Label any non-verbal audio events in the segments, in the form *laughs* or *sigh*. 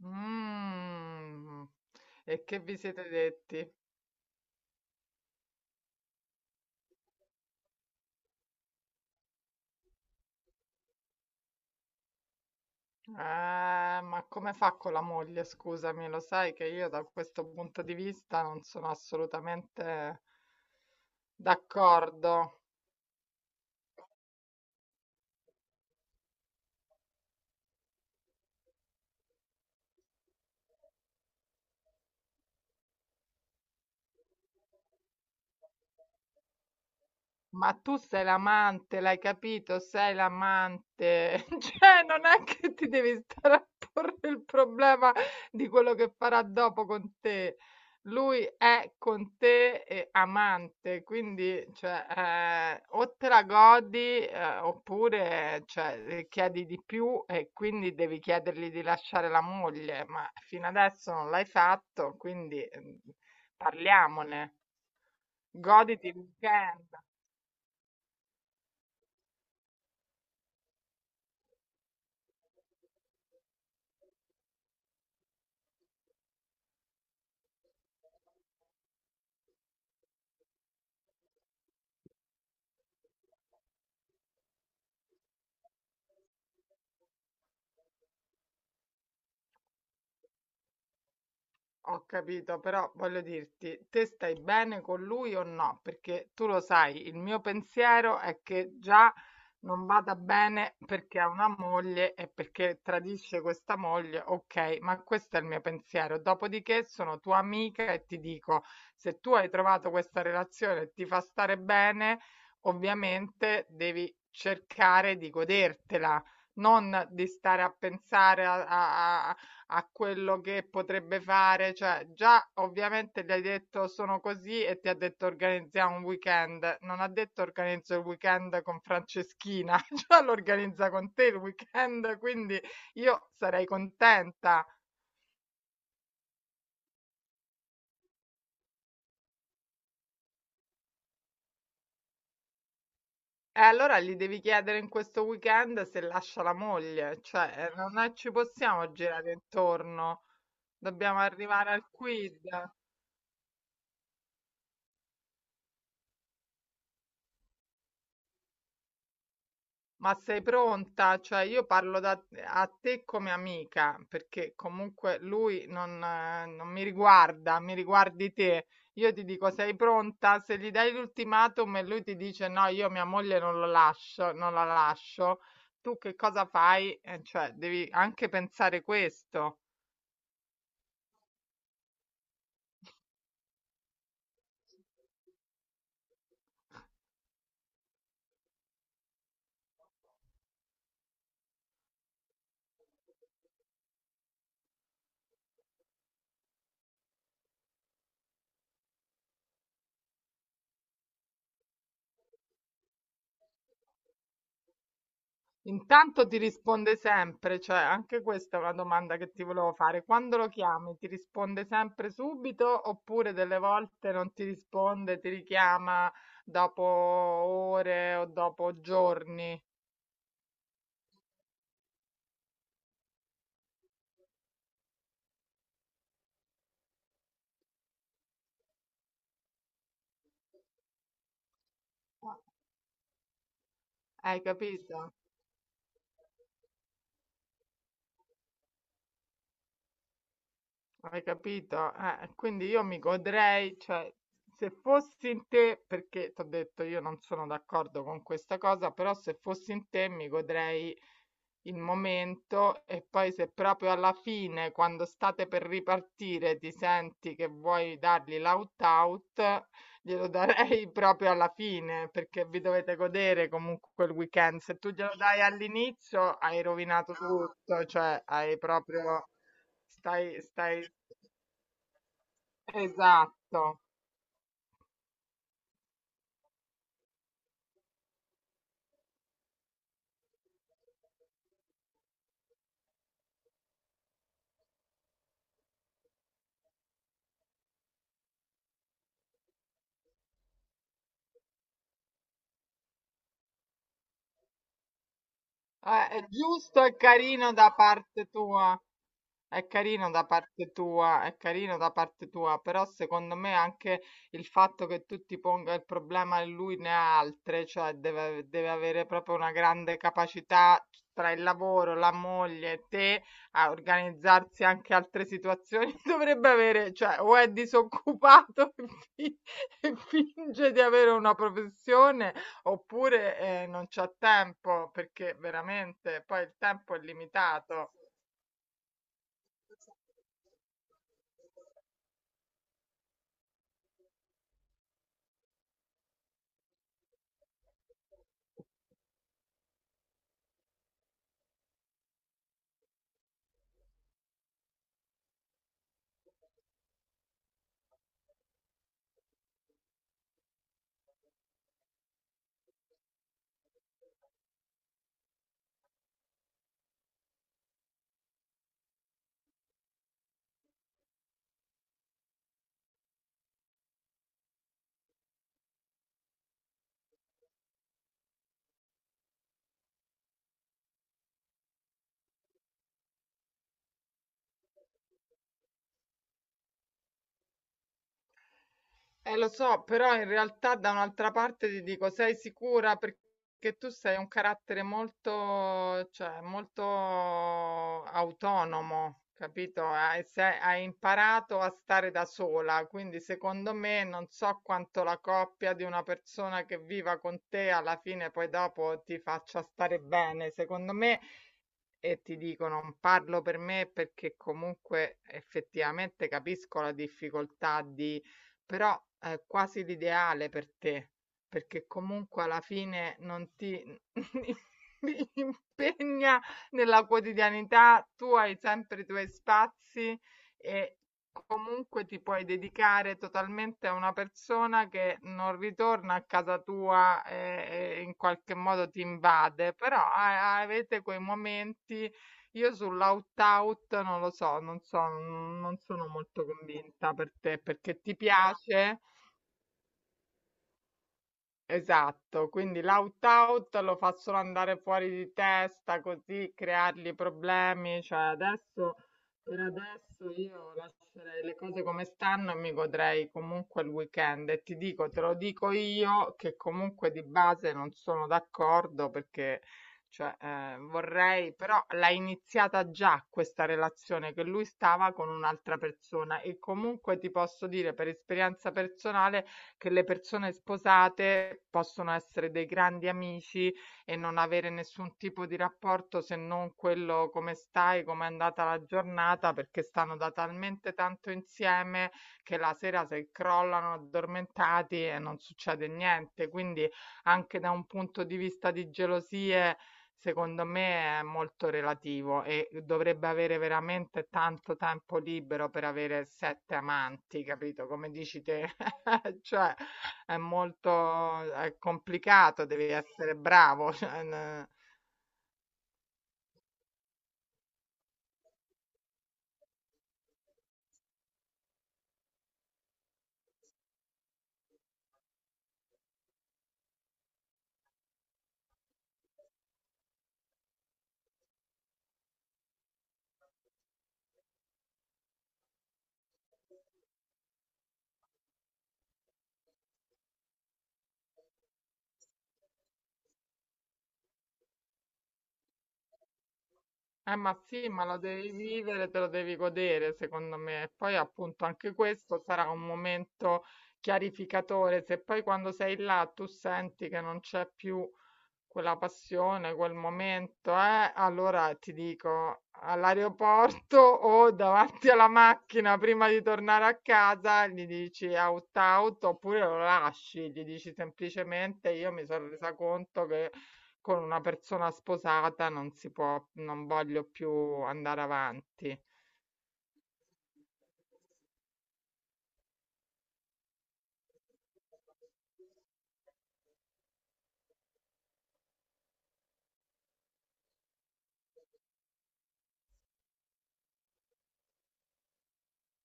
Mh. E che vi siete detti? Ah, ma come fa con la moglie? Scusami, lo sai che io da questo punto di vista non sono assolutamente d'accordo. Ma tu sei l'amante, l'hai capito? Sei l'amante. *laughs* Cioè, non è che ti devi stare a porre il problema di quello che farà dopo con te. Lui è con te e amante, quindi cioè, o te la godi oppure cioè, chiedi di più e quindi devi chiedergli di lasciare la moglie, ma fino adesso non l'hai fatto, quindi parliamone. Goditi il weekend. Ho capito, però voglio dirti, te stai bene con lui o no? Perché tu lo sai, il mio pensiero è che già non vada bene perché ha una moglie e perché tradisce questa moglie, ok, ma questo è il mio pensiero. Dopodiché sono tua amica e ti dico, se tu hai trovato questa relazione e ti fa stare bene, ovviamente devi cercare di godertela, non di stare a pensare a quello che potrebbe fare, cioè già ovviamente gli hai detto sono così e ti ha detto organizziamo un weekend, non ha detto organizzo il weekend con Franceschina, *laughs* già lo organizza con te il weekend, quindi io sarei contenta. E allora gli devi chiedere in questo weekend se lascia la moglie, cioè non è- ci possiamo girare intorno, dobbiamo arrivare al quid. Ma sei pronta? Cioè io parlo da, a te come amica, perché comunque lui non mi riguarda, mi riguardi te. Io ti dico sei pronta? Se gli dai l'ultimatum e lui ti dice no, io mia moglie non lo lascio, non la lascio, tu che cosa fai? Cioè devi anche pensare questo. Intanto ti risponde sempre, cioè anche questa è una domanda che ti volevo fare. Quando lo chiami, ti risponde sempre subito oppure delle volte non ti risponde, ti richiama dopo ore o dopo giorni? Hai capito? Hai capito? Quindi io mi godrei, cioè, se fossi in te, perché ti ho detto io non sono d'accordo con questa cosa, però se fossi in te mi godrei il momento e poi se proprio alla fine, quando state per ripartire, ti senti che vuoi dargli l'out out, glielo darei *laughs* proprio alla fine, perché vi dovete godere comunque quel weekend. Se tu glielo dai all'inizio, hai rovinato tutto, cioè hai proprio... Stai. Esatto. È giusto e carino da parte tua. È carino da parte tua, è carino da parte tua, però secondo me anche il fatto che tu ti ponga il problema e lui ne ha altre, cioè deve avere proprio una grande capacità tra il lavoro, la moglie e te a organizzarsi anche altre situazioni, *laughs* dovrebbe avere, cioè o è disoccupato *laughs* e, fi- e finge di avere una professione oppure non c'ha tempo, perché veramente poi il tempo è limitato. Looks like. Lo so, però in realtà da un'altra parte ti dico, sei sicura perché tu sei un carattere molto, cioè, molto autonomo, capito? Hai imparato a stare da sola, quindi secondo me non so quanto la coppia di una persona che viva con te alla fine poi dopo ti faccia stare bene. Secondo me e ti dico, non parlo per me perché comunque effettivamente capisco la difficoltà di però è quasi l'ideale per te, perché comunque alla fine non ti *laughs* impegna nella quotidianità, tu hai sempre i tuoi spazi e comunque ti puoi dedicare totalmente a una persona che non ritorna a casa tua e in qualche modo ti invade, però avete quei momenti, io sull'out-out non lo so, non so, non sono molto convinta per te, perché ti piace? Esatto, quindi l'out-out lo fa solo andare fuori di testa, così creargli problemi. Cioè adesso, per adesso io lascerei le cose come stanno e mi godrei comunque il weekend. E ti dico, te lo dico io, che comunque di base non sono d'accordo perché cioè, vorrei, però l'ha iniziata già questa relazione che lui stava con un'altra persona e comunque ti posso dire per esperienza personale che le persone sposate possono essere dei grandi amici e non avere nessun tipo di rapporto se non quello come stai, com'è andata la giornata, perché stanno da talmente tanto insieme che la sera se crollano addormentati e non succede niente. Quindi anche da un punto di vista di gelosie, secondo me è molto relativo e dovrebbe avere veramente tanto tempo libero per avere sette amanti, capito? Come dici te. *laughs* *laughs* Cioè è complicato, devi essere bravo, *laughs* cioè, ma sì, ma lo devi vivere, te lo devi godere, secondo me. E poi appunto anche questo sarà un momento chiarificatore, se poi quando sei là tu senti che non c'è più quella passione, quel momento, allora ti dico all'aeroporto *laughs* o davanti alla macchina prima di tornare a casa, gli dici out out oppure lo lasci, gli dici semplicemente io mi sono resa conto che con una persona sposata non si può, non voglio più andare avanti.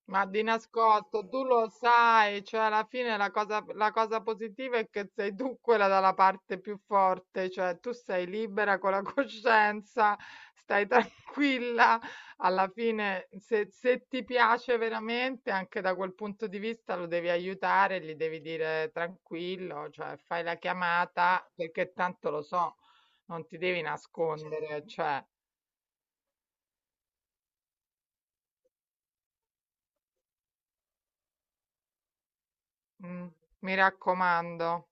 Ma di nascosto, tu lo sai, cioè alla fine la cosa positiva è che sei tu quella dalla parte più forte, cioè tu sei libera con la *laughs* coscienza, stai tranquilla, alla fine se ti piace veramente, anche da quel punto di vista lo devi aiutare, gli devi dire tranquillo, cioè fai la chiamata perché tanto lo so, non ti devi nascondere, cioè mm, mi raccomando.